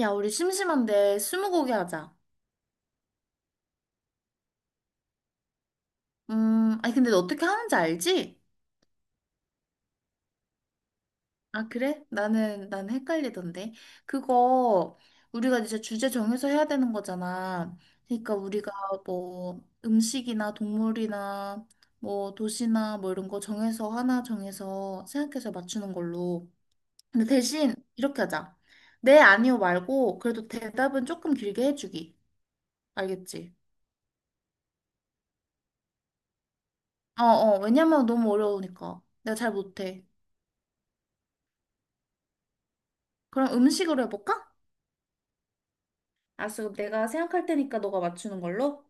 야, 우리 심심한데 스무고개 하자. 아니 근데 너 어떻게 하는지 알지? 아, 그래? 나는 헷갈리던데. 그거 우리가 이제 주제 정해서 해야 되는 거잖아. 그러니까 우리가 뭐 음식이나 동물이나 뭐 도시나 뭐 이런 거 정해서 하나 정해서 생각해서 맞추는 걸로. 근데 대신 이렇게 하자. 네, 아니요 말고 그래도 대답은 조금 길게 해주기. 알겠지? 어어, 왜냐면 너무 어려우니까. 내가 잘 못해. 그럼 음식으로 해볼까? 알았어. 그럼 내가 생각할 테니까 너가 맞추는 걸로?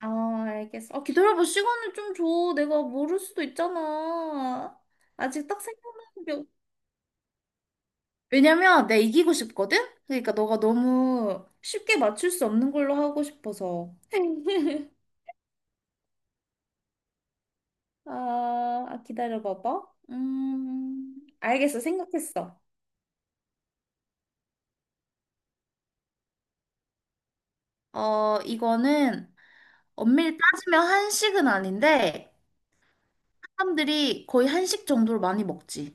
아, 알겠어. 아, 기다려봐. 시간을 좀 줘. 내가 모를 수도 있잖아. 아직 딱 생각나는 게 없- 왜냐면 내가 이기고 싶거든? 그러니까 너가 너무 쉽게 맞출 수 없는 걸로 하고 싶어서. 기다려봐봐. 알겠어. 생각했어. 어, 이거는 엄밀히 따지면 한식은 아닌데 사람들이 거의 한식 정도로 많이 먹지.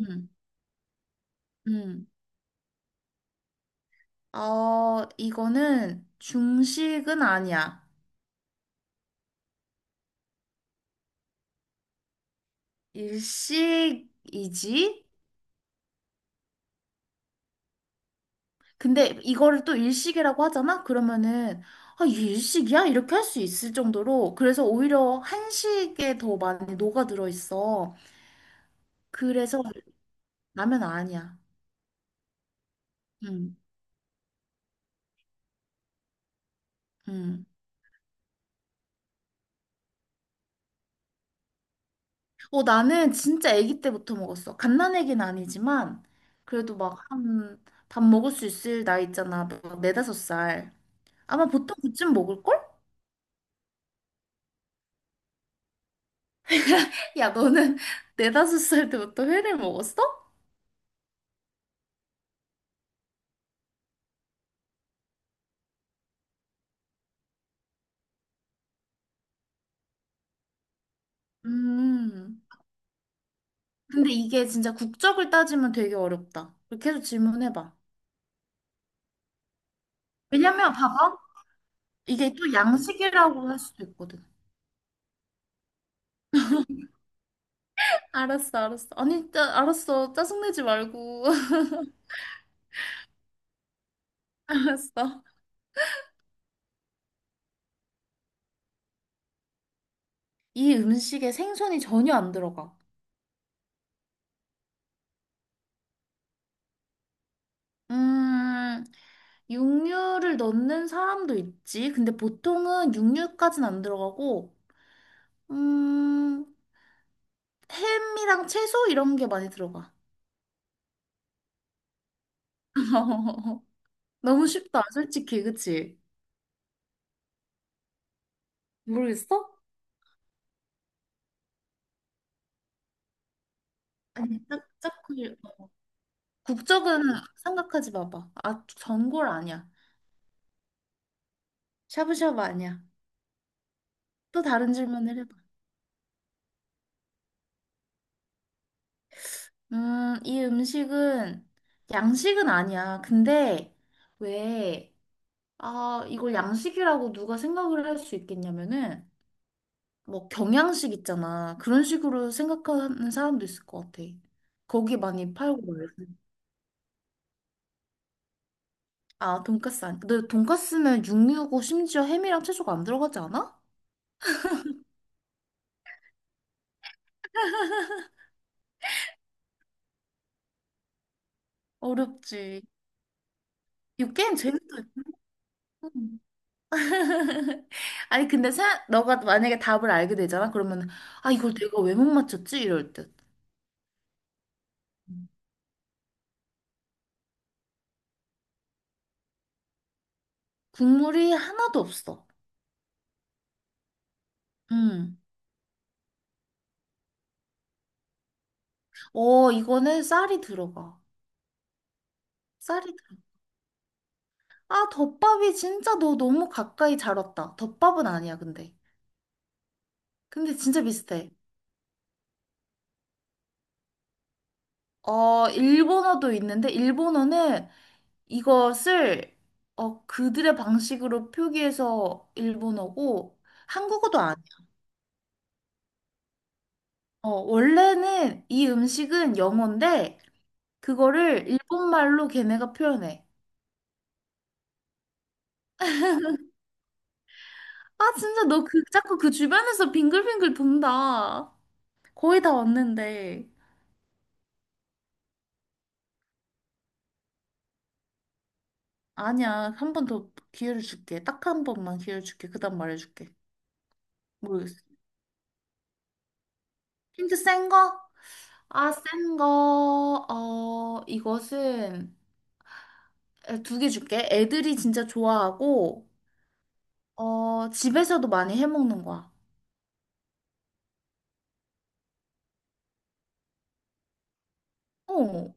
음. 음. 어, 이거는 중식은 아니야. 일식이지? 근데 이거를 또 일식이라고 하잖아? 그러면은, 아, 이게 일식이야? 이렇게 할 수 있을 정도로. 그래서 오히려 한식에 더 많이 녹아들어 있어. 그래서 라면 아니야. 음, 음. 어, 나는 진짜 아기 때부터 먹었어. 갓난애기는 아니지만, 그래도 막 한, 밥 먹을 수 있을 나이 있잖아. 막 네다섯 살. 아마 보통 그쯤 먹을걸? 야, 너는 네다섯 살 때부터 회를 먹었어? 음. 근데 이게 진짜 국적을 따지면 되게 어렵다. 계렇게 해서 질문해봐. 왜냐면 봐봐. 이게 또 양식이라고 할 수도 있거든. 알았어, 알았어. 아니, 알았어. 짜증내지 말고. 알았어. 이 음식에 생선이 전혀 안 들어가. 음, 육류를 넣는 사람도 있지. 근데 보통은 육류까진 안 들어가고, 음, 햄이랑 채소 이런 게 많이 들어가. 너무 쉽다, 솔직히, 그치? 모르겠어? 아니, 짝, 짝꿍이. 어, 국적은 생각하지 마봐. 아, 전골 아니야. 샤브샤브 아니야. 또 다른 질문을 해봐. 이 음식은 양식은 아니야. 근데 왜, 아, 이걸 양식이라고 누가 생각을 할 수 있겠냐면은, 뭐 경양식 있잖아. 그런 식으로 생각하는 사람도 있을 것 같아. 거기 많이 팔고. 아, 돈까스 아니. 근데 돈까스는 육류고 심지어 햄이랑 채소가 안 들어가지 않아? 어렵지. 이 게임 재밌다. 아니, 근데 사, 너가 만약에 답을 알게 되잖아? 그러면, 아, 이걸 내가 왜 못 맞췄지? 이럴 듯. 음. 국물이 하나도 없어. 음. 어, 이거는 쌀이 들어가. 쌀이 들어가. 아, 덮밥이 진짜 너 너무 가까이 잘 왔다. 덮밥은 아니야, 근데. 근데 진짜 비슷해. 어, 일본어도 있는데, 일본어는 이것을 어, 그들의 방식으로 표기해서 일본어고 한국어도 아니야. 어, 원래는 이 음식은 영어인데 그거를 일본말로 걔네가 표현해. 아, 진짜 너 그 자꾸 그 주변에서 빙글빙글 돈다. 거의 다 왔는데. 아니야. 한 번 더 기회를 줄게. 딱 한 번만 기회를 줄게. 그다음 말해줄게. 모르겠어. 힌트 센 거? 아, 센 거. 어, 이것은 두 개 줄게. 애들이 진짜 좋아하고, 어, 집에서도 많이 해 먹는 거야. 어,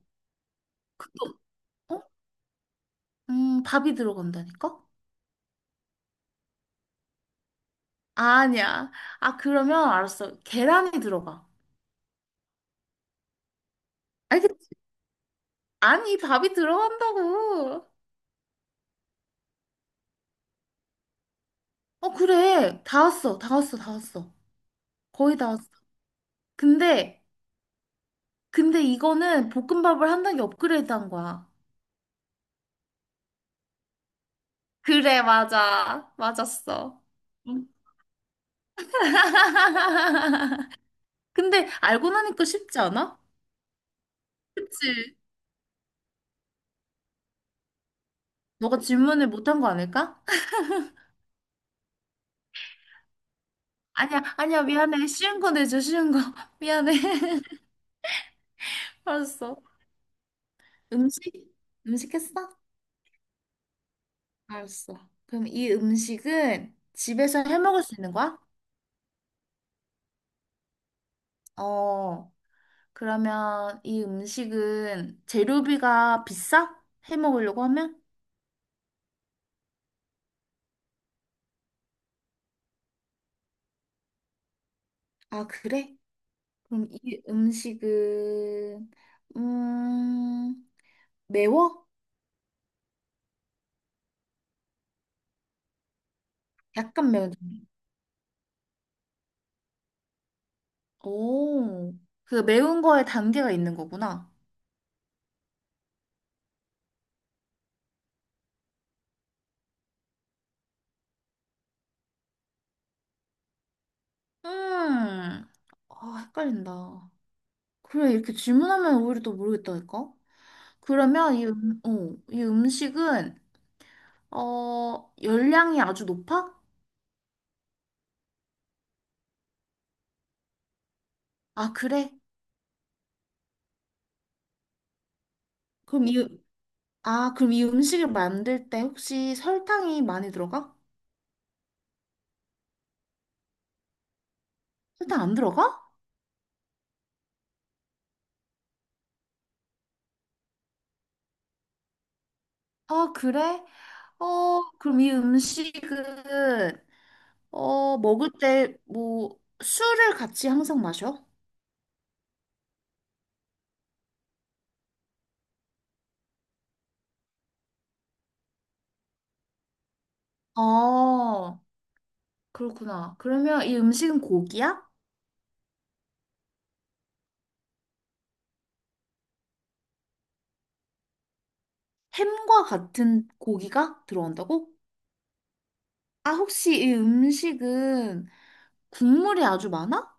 너- 어? 밥이 들어간다니까? 아니야. 아, 그러면 알았어. 계란이 들어가. 아니, 그- 아니, 밥이 들어간다고. 어, 그래. 다 왔어. 다 왔어. 다 왔어. 거의 다 왔어. 근데, 근데 이거는 볶음밥을 한 단계 업그레이드 한 거야. 그래, 맞아. 맞았어. 응. 근데 알고 나니까 쉽지 않아? 그치? 너가 질문을 못한 거 아닐까? 아니야, 아니야, 미안해. 쉬운 거 내줘, 쉬운 거. 미안해. 알았어. 음식? 음식 했어? 알았어. 그럼 이 음식은 집에서 해 먹을 수 있는 거야? 어, 그러면 이 음식은 재료비가 비싸? 해 먹으려고 하면? 아, 그래? 그럼 이 음식은, 음, 매워? 약간 매운. 정도. 오, 그 매운 거에 단계가 있는 거구나. 음, 아, 헷갈린다. 그래, 이렇게 질문하면 오히려 또 모르겠다니까? 그러면 이, 어, 이 음식은, 어, 열량이 아주 높아? 아, 그래? 그럼 이, 아, 그럼 이 음식을 만들 때 혹시 설탕이 많이 들어가? 설탕 안 들어가? 아, 그래? 어, 그럼 이 음식은, 어, 먹을 때 뭐, 술을 같이 항상 마셔? 아, 그렇구나. 그러면 이 음식은 고기야? 햄과 같은 고기가 들어온다고? 아, 혹시 이 음식은 국물이 아주 많아?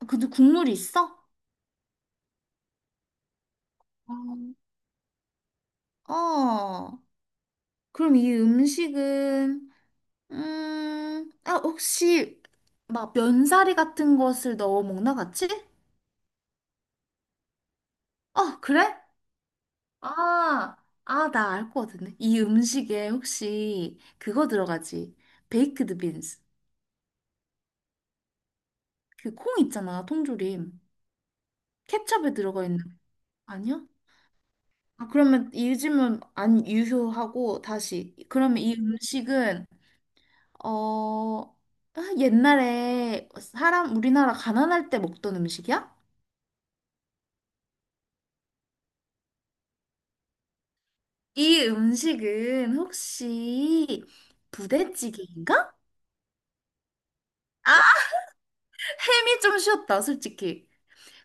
아, 근데 국물이 있어? 어, 그럼 이 음식은, 아, 혹시, 막, 면사리 같은 것을 넣어 먹나, 같이? 어, 그래? 아, 아, 나 알 것 같은데. 이 음식에 혹시 그거 들어가지? 베이크드 빈스. 그 콩 있잖아, 통조림. 케첩에 들어가 있는 거 아니야? 아, 그러면 요즘은 안 유효하고 다시 그러면 이 음식은 어 옛날에 사람 우리나라 가난할 때 먹던 음식이야? 이 음식은 혹시 부대찌개인가? 아, 햄이 좀 쉬웠다, 솔직히.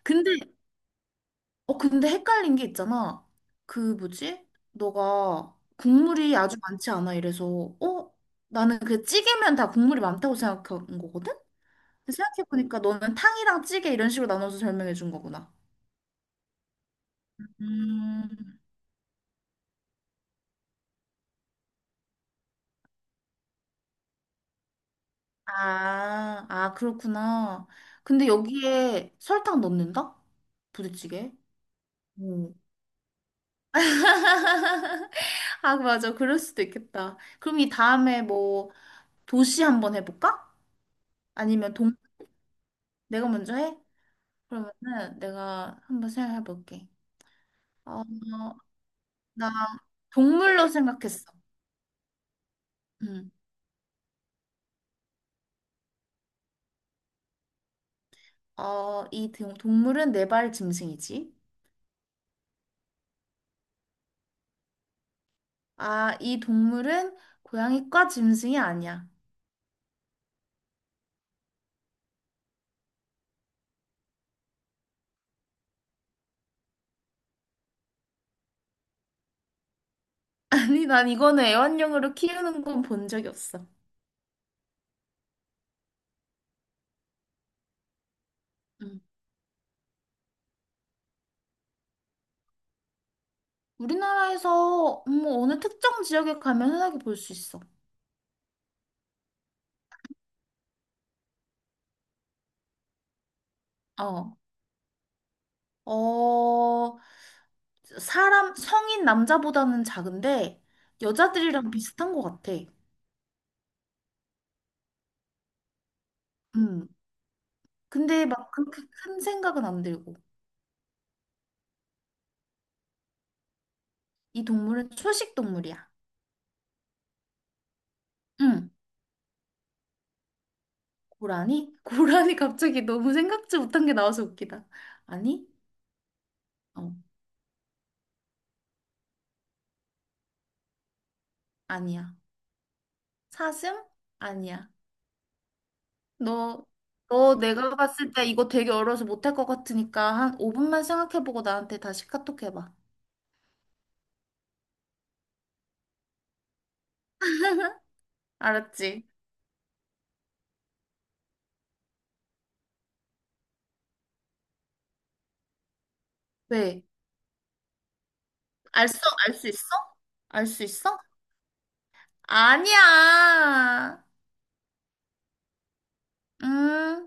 근데 근데 헷갈린 게 있잖아. 그 뭐지? 너가 국물이 아주 많지 않아 이래서 나는 그 찌개면 다 국물이 많다고 생각한 거거든. 생각해보니까 너는 탕이랑 찌개 이런 식으로 나눠서 설명해 준 거구나. 음, 아, 아, 그렇구나. 근데 여기에 설탕 넣는다? 부대찌개? 오. 아, 맞아. 그럴 수도 있겠다. 그럼 이 다음에 뭐 도시 한번 해볼까? 아니면 동, 내가 먼저 해? 그러면은 내가 한번 생각해 볼게. 어, 나 동물로 생각했어. 음. 어, 이 동물은 네발 짐승이지. 아, 이 동물은 고양이과 짐승이 아니야. 아니, 난 이거는 애완용으로 키우는 건 본 적이 없어. 응. 우리나라에서 뭐 어느 특정 지역에 가면 흔하게 볼 수 있어. 어. 어, 사람, 성인 남자보다는 작은데 여자들이랑 비슷한 것 같아. 음. 근데 막 그렇게 큰 생각은 안 들고. 이 동물은 초식 동물이야. 응. 고라니? 고라니 갑자기 너무 생각지 못한 게 나와서 웃기다. 아니? 어, 아니야. 사슴? 아니야. 너, 너 내가 봤을 때 이거 되게 어려워서 못 할 것 같으니까 한 5분만 생각해보고 나한테 다시 카톡 해봐. 알았지? 왜? 알 수, 알 수 있어? 알 수 있어? 아니야. 음.